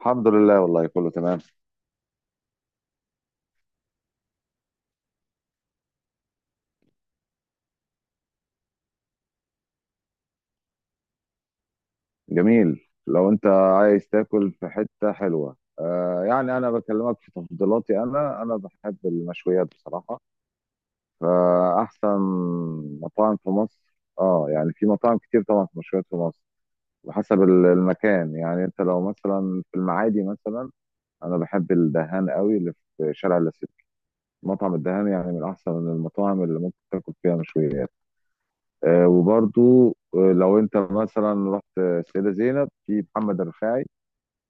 الحمد لله، والله كله تمام. جميل، لو انت عايز تاكل في حتة حلوة يعني انا بكلمك في تفضيلاتي، انا بحب المشويات بصراحة. فاحسن مطاعم في مصر يعني في مطاعم كتير طبعا، في مشويات في مصر. وحسب المكان، يعني انت لو مثلا في المعادي مثلا، انا بحب الدهان قوي، اللي في شارع اللاسلكي. مطعم الدهان يعني من احسن المطاعم اللي ممكن تاكل فيها مشويات. وبرضو لو انت مثلا رحت السيدة زينب، في محمد الرفاعي،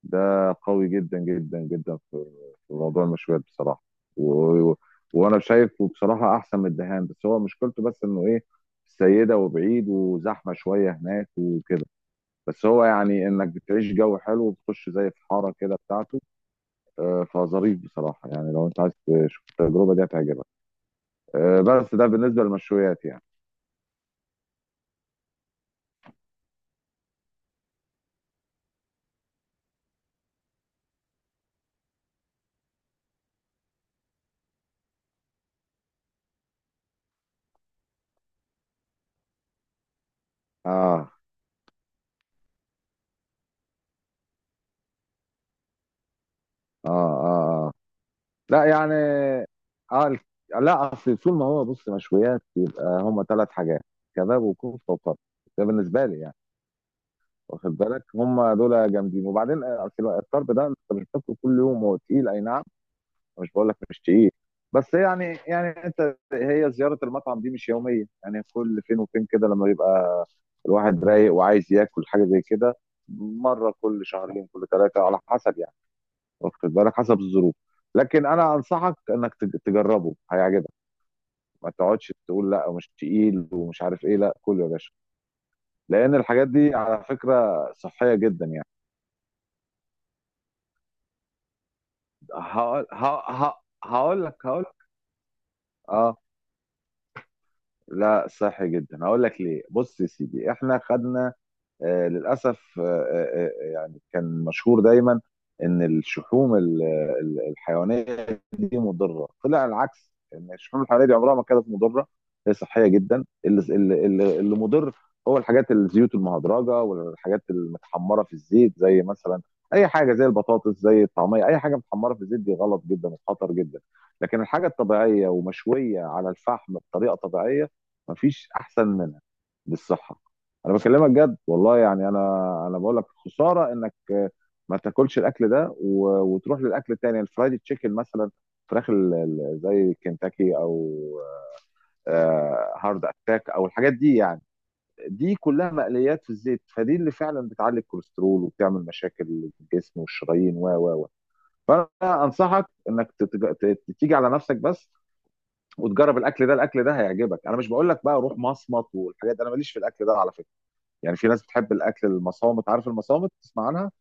ده قوي جدا جدا جدا في موضوع المشويات بصراحة. و... و- وانا شايفه بصراحة احسن من الدهان، بس هو مشكلته بس انه ايه، السيدة وبعيد، وزحمة شوية هناك وكده. بس هو يعني انك بتعيش جو حلو، وبتخش زي في حارة كده بتاعته. فظريف بصراحة، يعني لو انت عايز تشوف التجربة، دي هتعجبك. بس ده بالنسبة للمشويات يعني. اه، اه، اه، آه. لا، يعني اه ال- لا، اصل طول ما هو بص مشويات، يبقى هم ثلاث حاجات: كباب وكفته وطرب. ده بالنسبه لي يعني. واخد بالك، هم دول جامدين. وبعدين اصل الطرب ده انت مش بتاكله كل يوم، هو تقيل، اي نعم. مش بقول لك مش تقيل، بس يعني انت هي زياره المطعم دي مش يوميه، يعني كل فين وفين كده، لما يبقى الواحد رايق وعايز ياكل حاجه زي كده. مره كل شهرين، كل ثلاثه على حسب يعني. واخد بالك، حسب الظروف. لكن انا انصحك انك تجربه، هيعجبك. ما تقعدش تقول لا مش تقيل ومش عارف ايه، لا، كله يا باشا. لان الحاجات دي على فكره صحيه جدا يعني. هقول لك. هقول اه لا، صحي جدا. هقول لك ليه. بص يا سيدي، احنا خدنا للاسف يعني كان مشهور دايما ان الشحوم الحيوانيه دي مضره. طلع العكس، ان الشحوم الحيوانيه دي عمرها ما كانت مضره، هي صحيه جدا. اللي مضر هو الحاجات، الزيوت المهدرجه والحاجات المتحمره في الزيت، زي مثلا اي حاجه زي البطاطس، زي الطعميه، اي حاجه متحمره في الزيت دي غلط جدا وخطر جدا. لكن الحاجه الطبيعيه ومشويه على الفحم بطريقه طبيعيه، مفيش احسن منها للصحه. انا بكلمك جد والله، يعني انا بقول لك خساره انك ما تاكلش الاكل ده. وتروح للاكل التاني، الفرايد تشيكن مثلا، فراخ زي كنتاكي، او هارد اتاك، او الحاجات دي يعني. دي كلها مقليات في الزيت، فدي اللي فعلا بتعلي الكوليسترول وبتعمل مشاكل للجسم والشرايين و فانا انصحك انك تيجي على نفسك بس، وتجرب الاكل ده. الاكل ده هيعجبك. انا مش بقول لك بقى روح مصمت والحاجات دي، انا ماليش في الاكل ده على فكره، يعني في ناس بتحب الاكل المصامت. عارف المصامت، تسمع عنها.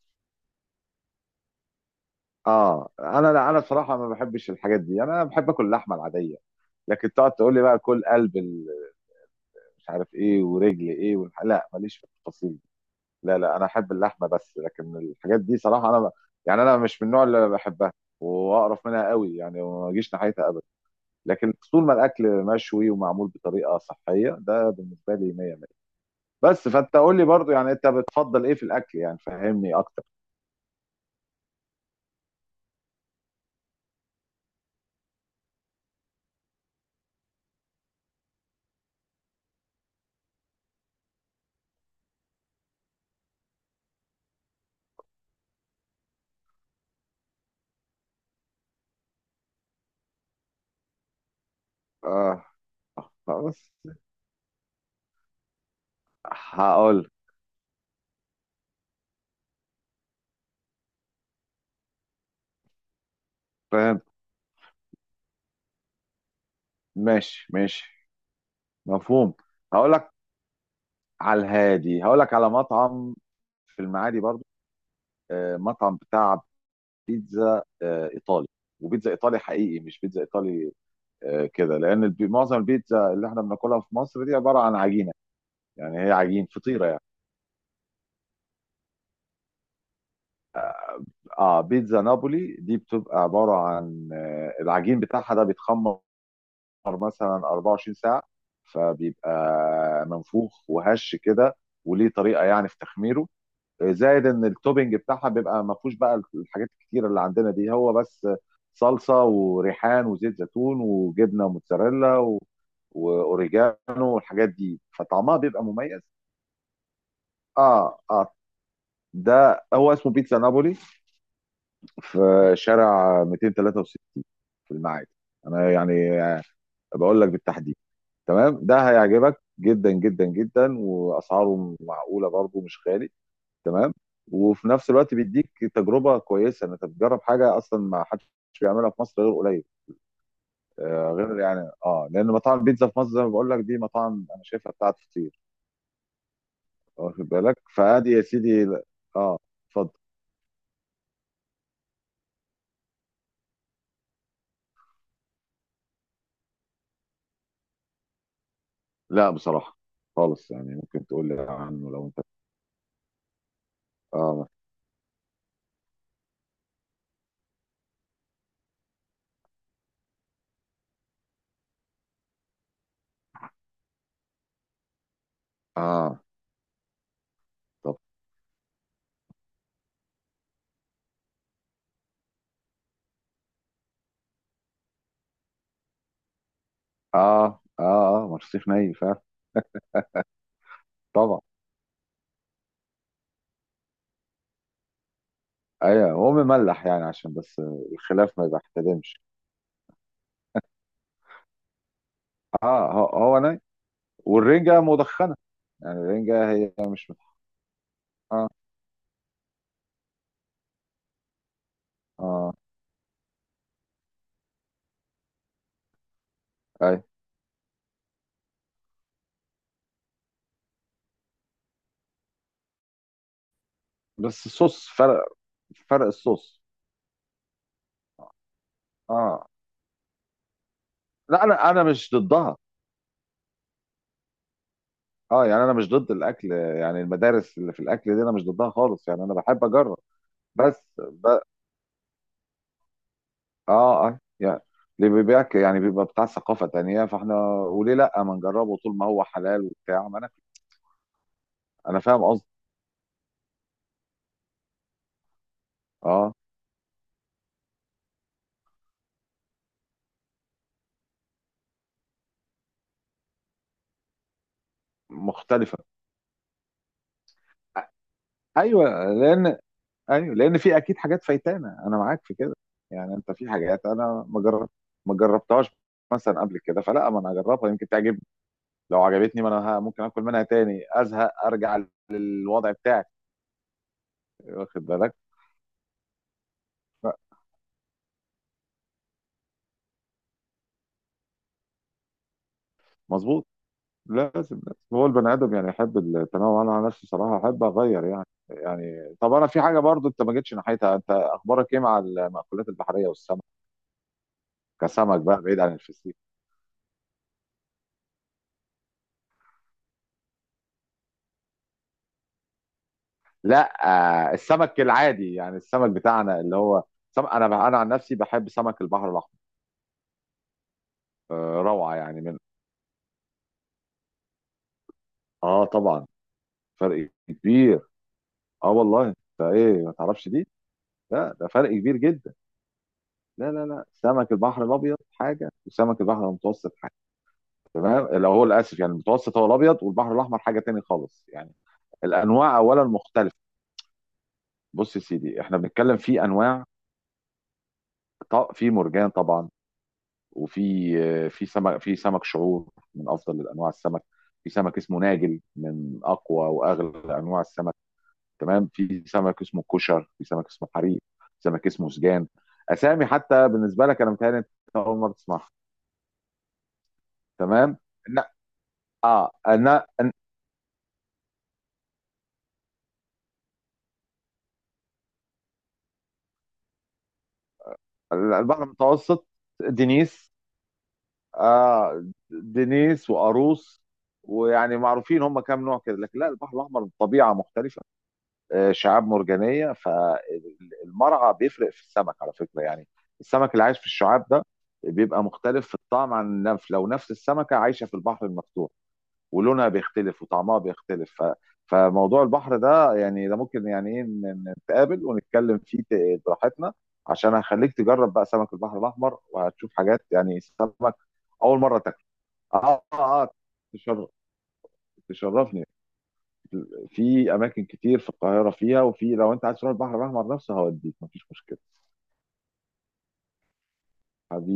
اه انا، لا، انا بصراحه ما بحبش الحاجات دي، يعني انا بحب اكل اللحمه العاديه. لكن تقعد تقول لي بقى كل قلب مش عارف ايه، ورجل ايه، لا، ماليش في التفاصيل دي. لا، لا، انا احب اللحمه بس. لكن الحاجات دي صراحه يعني انا مش من النوع اللي بحبها، واقرف منها قوي يعني، وما اجيش ناحيتها ابدا. لكن طول ما الاكل مشوي ومعمول بطريقه صحيه، ده بالنسبه لي 100 100. بس، فانت قول لي برضو، يعني انت بتفضل ايه في الاكل، يعني فهمني اكتر. اه، خلاص هقول. فاهم، ماشي ماشي. مفهوم، هقول لك. على الهادي، هقول لك على مطعم في المعادي برضو. مطعم بتاع بيتزا ايطالي. وبيتزا ايطالي حقيقي، مش بيتزا ايطالي كده. لان معظم البيتزا اللي احنا بناكلها في مصر دي عباره عن عجينه، يعني هي عجين فطيره يعني. اه بيتزا نابولي دي بتبقى عباره عن العجين بتاعها ده بيتخمر مثلا 24 ساعه، فبيبقى منفوخ وهش كده. وليه طريقه يعني في تخميره، زائد ان التوبينج بتاعها بيبقى ما فيهوش بقى الحاجات الكتيره اللي عندنا دي، هو بس صلصه وريحان وزيت زيتون وجبنه موتزاريلا واوريجانو، والحاجات دي، فطعمها بيبقى مميز. اه اه ده هو اسمه بيتزا نابولي، في شارع 263 في المعادي. انا يعني بقول لك بالتحديد. تمام، ده هيعجبك جدا جدا جدا. واسعاره معقوله برضه، مش غالي. تمام. وفي نفس الوقت بيديك تجربه كويسه، ان انت بتجرب حاجه اصلا ما حدش بيعملها في مصر غير قليل. غير يعني لان مطاعم البيتزا في مصر زي ما بقول لك دي، مطاعم انا شايفها بتاعت فطير. واخد بالك فادي يا سيدي. اه اتفضل. لا بصراحه خالص، يعني ممكن تقول لي عنه لو انت. اه، اه، طب. اه، اه، اه، مرسيخ ني فعلا. طبعا. ايوه، هو مملح يعني، عشان بس الخلاف ما يحتدمش. اه، هو ناي، والرنجة مدخنة، يعني الرنجة هي مش اه، اه، اي. بس الصوص فرق. فرق الصوص. اه، آه. لا، انا مش ضدها. اه، يعني انا مش ضد الاكل، يعني المدارس اللي في الاكل دي انا مش ضدها خالص، يعني انا بحب اجرب. بس ب... اه، اه، يعني اللي بيبيعك يعني بيبقى بتاع ثقافة تانية، فاحنا وليه لا ما نجربه، طول ما هو حلال وبتاع. ما انا فاهم قصدي. اه، مختلفة. ايوه، لان، ايوه، لان في اكيد حاجات فايتانا، انا معاك في كده. يعني انت في حاجات انا ما جربتهاش مثلا قبل كده، فلا، ما انا اجربها يمكن تعجبني. لو عجبتني، ما انا ممكن اكل منها تاني، ازهق ارجع للوضع بتاعي. واخد بالك. لا، مظبوط، لازم. هو البني ادم يعني يحب التنوع. انا عن نفسي صراحه احب اغير يعني. يعني طب، انا في حاجه برضو انت ما جيتش ناحيتها، انت اخبارك ايه مع المأكولات البحريه والسمك، كسمك بقى بعيد عن الفسيخ. لا، السمك العادي، يعني السمك بتاعنا اللي هو انا عن نفسي بحب سمك البحر الاحمر. روعه يعني من، اه طبعا فرق كبير. اه، والله ده، ايه ما تعرفش دي؟ لا، ده فرق كبير جدا. لا، لا، لا، سمك البحر الابيض حاجه، وسمك البحر المتوسط حاجه. تمام، لو هو الاسف يعني المتوسط هو الابيض، والبحر الاحمر حاجه تاني خالص يعني. الانواع اولا مختلفه. بص يا سيدي، احنا بنتكلم في انواع. في مرجان طبعا. وفي في سمك شعور، من افضل انواع السمك. في سمك اسمه ناجل، من اقوى واغلى انواع السمك. تمام. في سمك اسمه كشر، في سمك اسمه حريق، في سمك اسمه سجان. اسامي حتى بالنسبه لك انا متهيألي انت اول مره تسمعها. تمام. انا انا أنا- البحر المتوسط دنيس. آه دنيس وقاروص، ويعني معروفين، هم كام نوع كده. لكن لا، البحر الاحمر طبيعه مختلفه، شعاب مرجانيه، فالمرعى بيفرق في السمك على فكره يعني. السمك اللي عايش في الشعاب ده بيبقى مختلف في الطعم عن لو نفس السمكه عايشه في البحر المفتوح، ولونها بيختلف وطعمها بيختلف فموضوع البحر ده يعني ده ممكن يعني ايه نتقابل ونتكلم فيه براحتنا، عشان هخليك تجرب بقى سمك البحر الاحمر، وهتشوف حاجات، يعني سمك اول مره تاكله. اه، اه، تشر- تشرفني. في اماكن كتير في القاهره فيها، وفي لو انت عايز تروح البحر الاحمر نفسه هوديك، مفيش مشكله حبيبي.